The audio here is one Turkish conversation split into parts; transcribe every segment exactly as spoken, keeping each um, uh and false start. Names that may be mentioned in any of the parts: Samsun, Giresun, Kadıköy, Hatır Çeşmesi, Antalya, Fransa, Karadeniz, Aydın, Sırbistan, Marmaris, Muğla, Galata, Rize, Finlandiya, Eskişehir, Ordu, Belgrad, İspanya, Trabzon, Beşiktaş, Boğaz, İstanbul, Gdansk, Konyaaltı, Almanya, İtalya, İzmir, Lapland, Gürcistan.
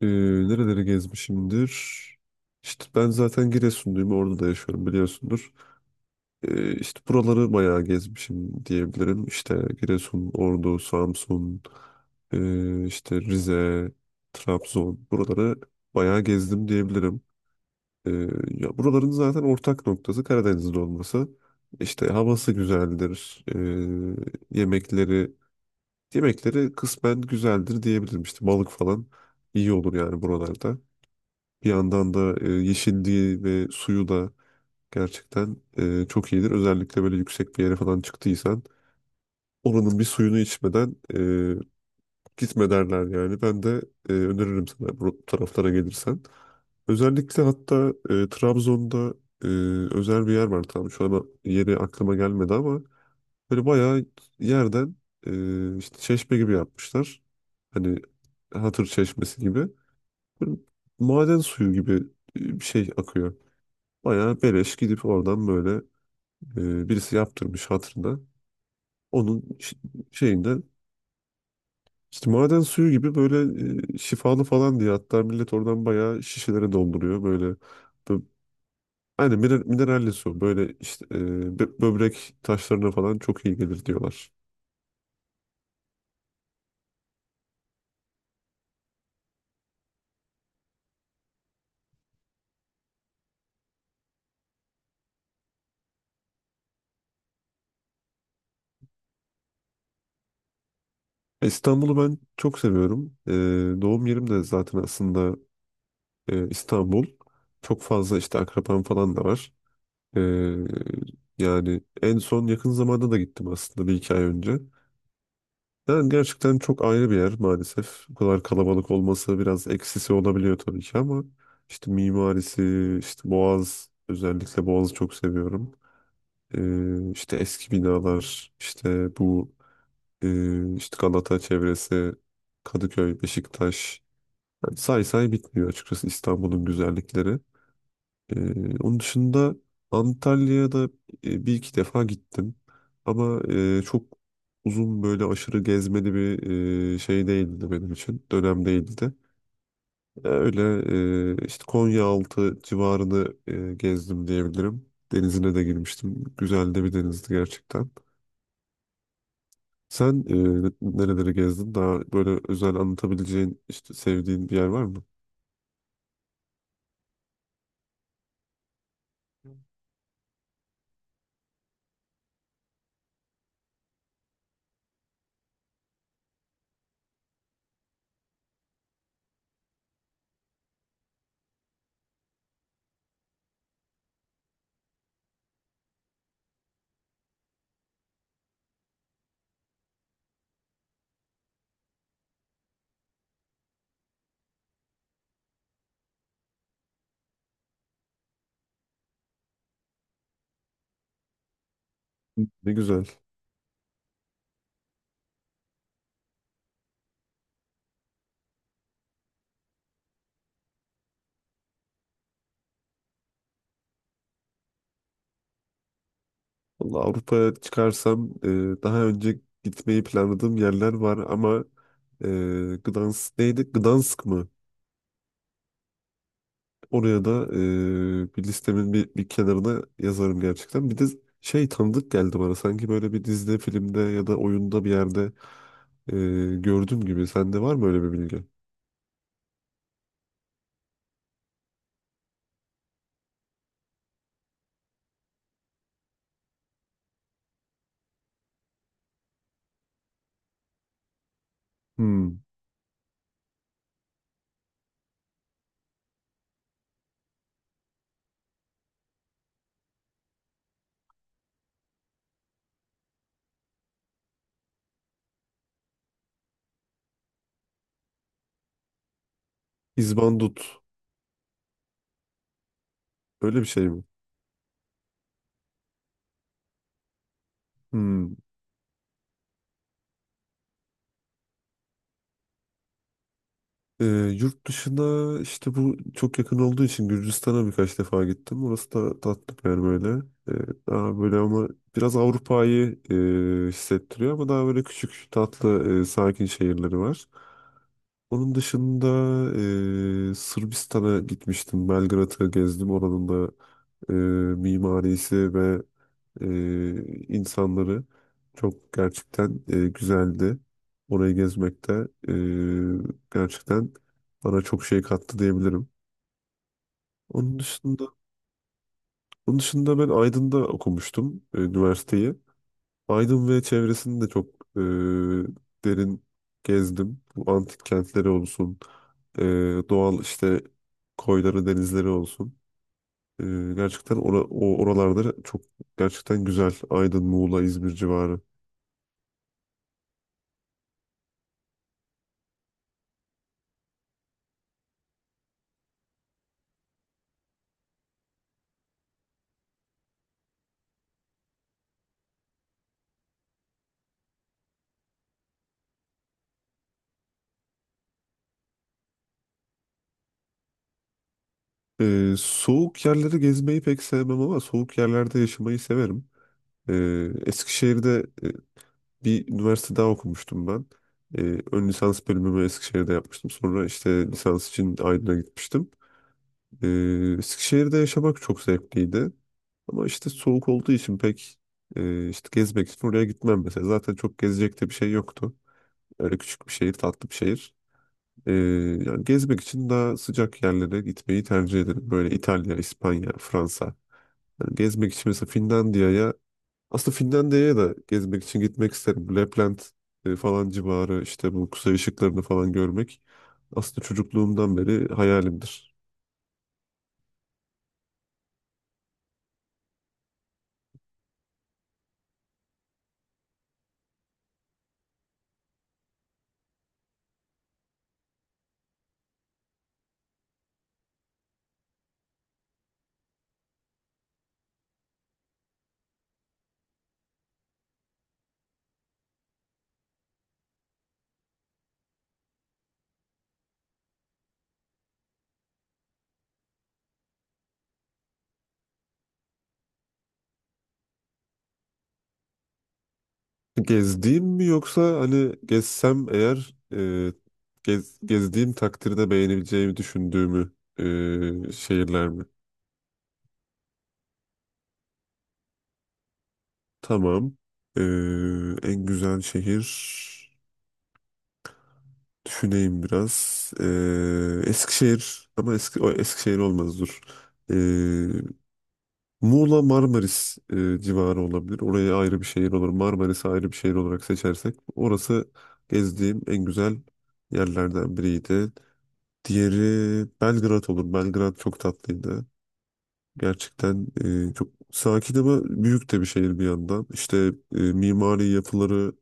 Ee, Nereleri gezmişimdir? İşte ben zaten Giresunluyum. Orada da yaşıyorum biliyorsundur. Ee, işte buraları bayağı gezmişim diyebilirim. İşte Giresun, Ordu, Samsun, ee, işte Rize, Trabzon. Buraları bayağı gezdim diyebilirim. Ee, Ya buraların zaten ortak noktası Karadeniz'de olması. İşte havası güzeldir. Ee, yemekleri yemekleri kısmen güzeldir diyebilirim. İşte balık falan iyi olur yani buralarda. Bir yandan da e, yeşilliği ve suyu da gerçekten e, çok iyidir. Özellikle böyle yüksek bir yere falan çıktıysan oranın bir suyunu içmeden e, gitme derler yani. Ben de e, öneririm sana bu taraflara gelirsen. Özellikle hatta e, Trabzon'da e, özel bir yer var, tamam şu an yeri aklıma gelmedi ama böyle bayağı yerden e, işte çeşme gibi yapmışlar. Hani Hatır Çeşmesi gibi. Böyle maden suyu gibi e, bir şey akıyor. Bayağı beleş gidip oradan böyle e, birisi yaptırmış hatırına. Onun ş- şeyinde işte maden suyu gibi böyle e, şifalı falan diye hatta millet oradan bayağı şişelere dolduruyor. Böyle bö- aynen miner- mineralli su böyle işte e, bö- böbrek taşlarına falan çok iyi gelir diyorlar. E, İstanbul'u ben çok seviyorum. E, doğum yerim de zaten aslında e, İstanbul. Çok fazla işte akrabam falan da var. Ee, Yani en son yakın zamanda da gittim aslında bir iki ay önce. Yani gerçekten çok ayrı bir yer maalesef. Bu kadar kalabalık olması biraz eksisi olabiliyor tabii ki ama işte mimarisi, işte Boğaz, özellikle Boğaz'ı çok seviyorum. Ee, işte eski binalar, işte bu e, işte Galata çevresi, Kadıköy, Beşiktaş. Yani say say bitmiyor açıkçası İstanbul'un güzellikleri. Ee, onun dışında Antalya'ya da e, bir iki defa gittim. Ama e, çok uzun böyle aşırı gezmeli bir e, şey değildi benim için. Dönem değildi. Ee, Öyle e, işte Konyaaltı civarını e, gezdim diyebilirim. Denizine de girmiştim. Güzel de bir denizdi gerçekten. Sen e, nereleri gezdin? Daha böyle özel anlatabileceğin, işte sevdiğin bir yer var mı? Ne güzel. Vallahi Avrupa'ya çıkarsam e, daha önce gitmeyi planladığım yerler var ama e, Gdansk neydi? Gdansk mı? Oraya da e, bir listemin bir, bir kenarına yazarım gerçekten. Bir de şey tanıdık geldi bana. Sanki böyle bir dizide, filmde ya da oyunda bir yerde e, gördüğüm gibi. Sende var mı öyle bir bilgi? Hmm. İzbandut. Öyle bir şey mi? Hmm. Ee, Yurt dışına işte bu çok yakın olduğu için Gürcistan'a birkaç defa gittim. Orası da tatlı bir yer böyle. Ee, Daha böyle ama biraz Avrupa'yı e, hissettiriyor ama daha böyle küçük tatlı e, sakin şehirleri var. Onun dışında e, Sırbistan'a gitmiştim. Belgrad'ı gezdim. Oranın da e, mimarisi ve e, insanları. Çok gerçekten e, güzeldi. Orayı gezmek de e, gerçekten bana çok şey kattı diyebilirim. Onun dışında onun dışında ben Aydın'da okumuştum e, üniversiteyi. Aydın ve çevresini de çok e, derin gezdim. Bu antik kentleri olsun, e, doğal işte koyları, denizleri olsun. E, Gerçekten ora- o oralarda çok gerçekten güzel. Aydın, Muğla, İzmir civarı. Ee, soğuk yerleri gezmeyi pek sevmem ama soğuk yerlerde yaşamayı severim. Ee, Eskişehir'de e, bir üniversite daha okumuştum ben. Ee, ön lisans bölümümü Eskişehir'de yapmıştım. Sonra işte lisans için Aydın'a gitmiştim. Ee, Eskişehir'de yaşamak çok zevkliydi. Ama işte soğuk olduğu için pek e, işte gezmek için oraya gitmem mesela. Zaten çok gezecek de bir şey yoktu. Öyle küçük bir şehir, tatlı bir şehir. Ee, Yani gezmek için daha sıcak yerlere gitmeyi tercih ederim. Böyle İtalya, İspanya, Fransa. Yani gezmek için mesela Finlandiya'ya aslında Finlandiya'ya da gezmek için gitmek isterim. Lapland e, falan civarı işte bu kuzey ışıklarını falan görmek aslında çocukluğumdan beri hayalimdir. Gezdiğim mi yoksa hani gezsem eğer e, gez- gezdiğim takdirde beğenebileceğimi düşündüğümü e, şehirler mi? Tamam. E, en güzel şehir. Düşüneyim biraz. Ee, Eskişehir ama eski, o Eskişehir olmaz dur. Ee, Muğla Marmaris e, civarı olabilir. Oraya ayrı bir şehir olur. Marmaris'i ayrı bir şehir olarak seçersek. Orası gezdiğim en güzel yerlerden biriydi. Diğeri Belgrad olur. Belgrad çok tatlıydı. Gerçekten e, çok sakin ama büyük de bir şehir bir yandan. İşte e, mimari yapıları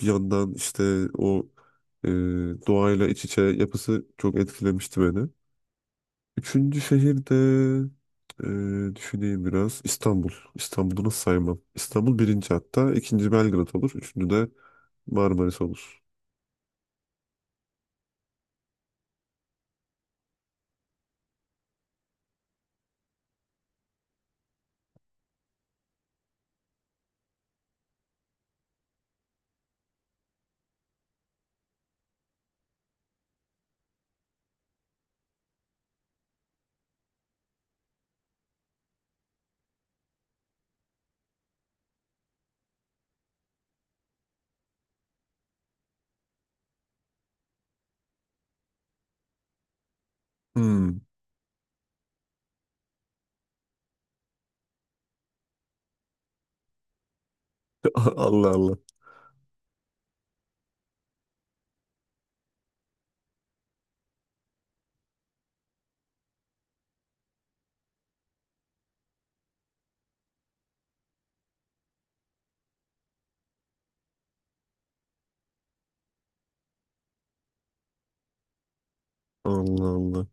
bir yandan işte o e, doğayla iç içe yapısı çok etkilemişti beni. Üçüncü şehirde düşüneyim biraz. İstanbul. İstanbul'u nasıl saymam? İstanbul birinci hatta. İkinci Belgrad olur. Üçüncü de Marmaris olur. Hmm. Allah Allah. Allah Allah.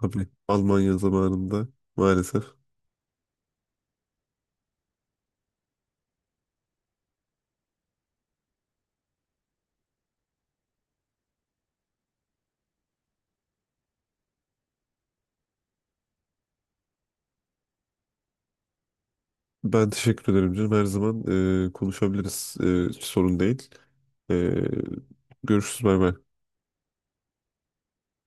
Tabii Almanya zamanında maalesef. Ben teşekkür ederim canım. Her zaman e, konuşabiliriz. E, hiç sorun değil. E, görüşürüz. Bay bay.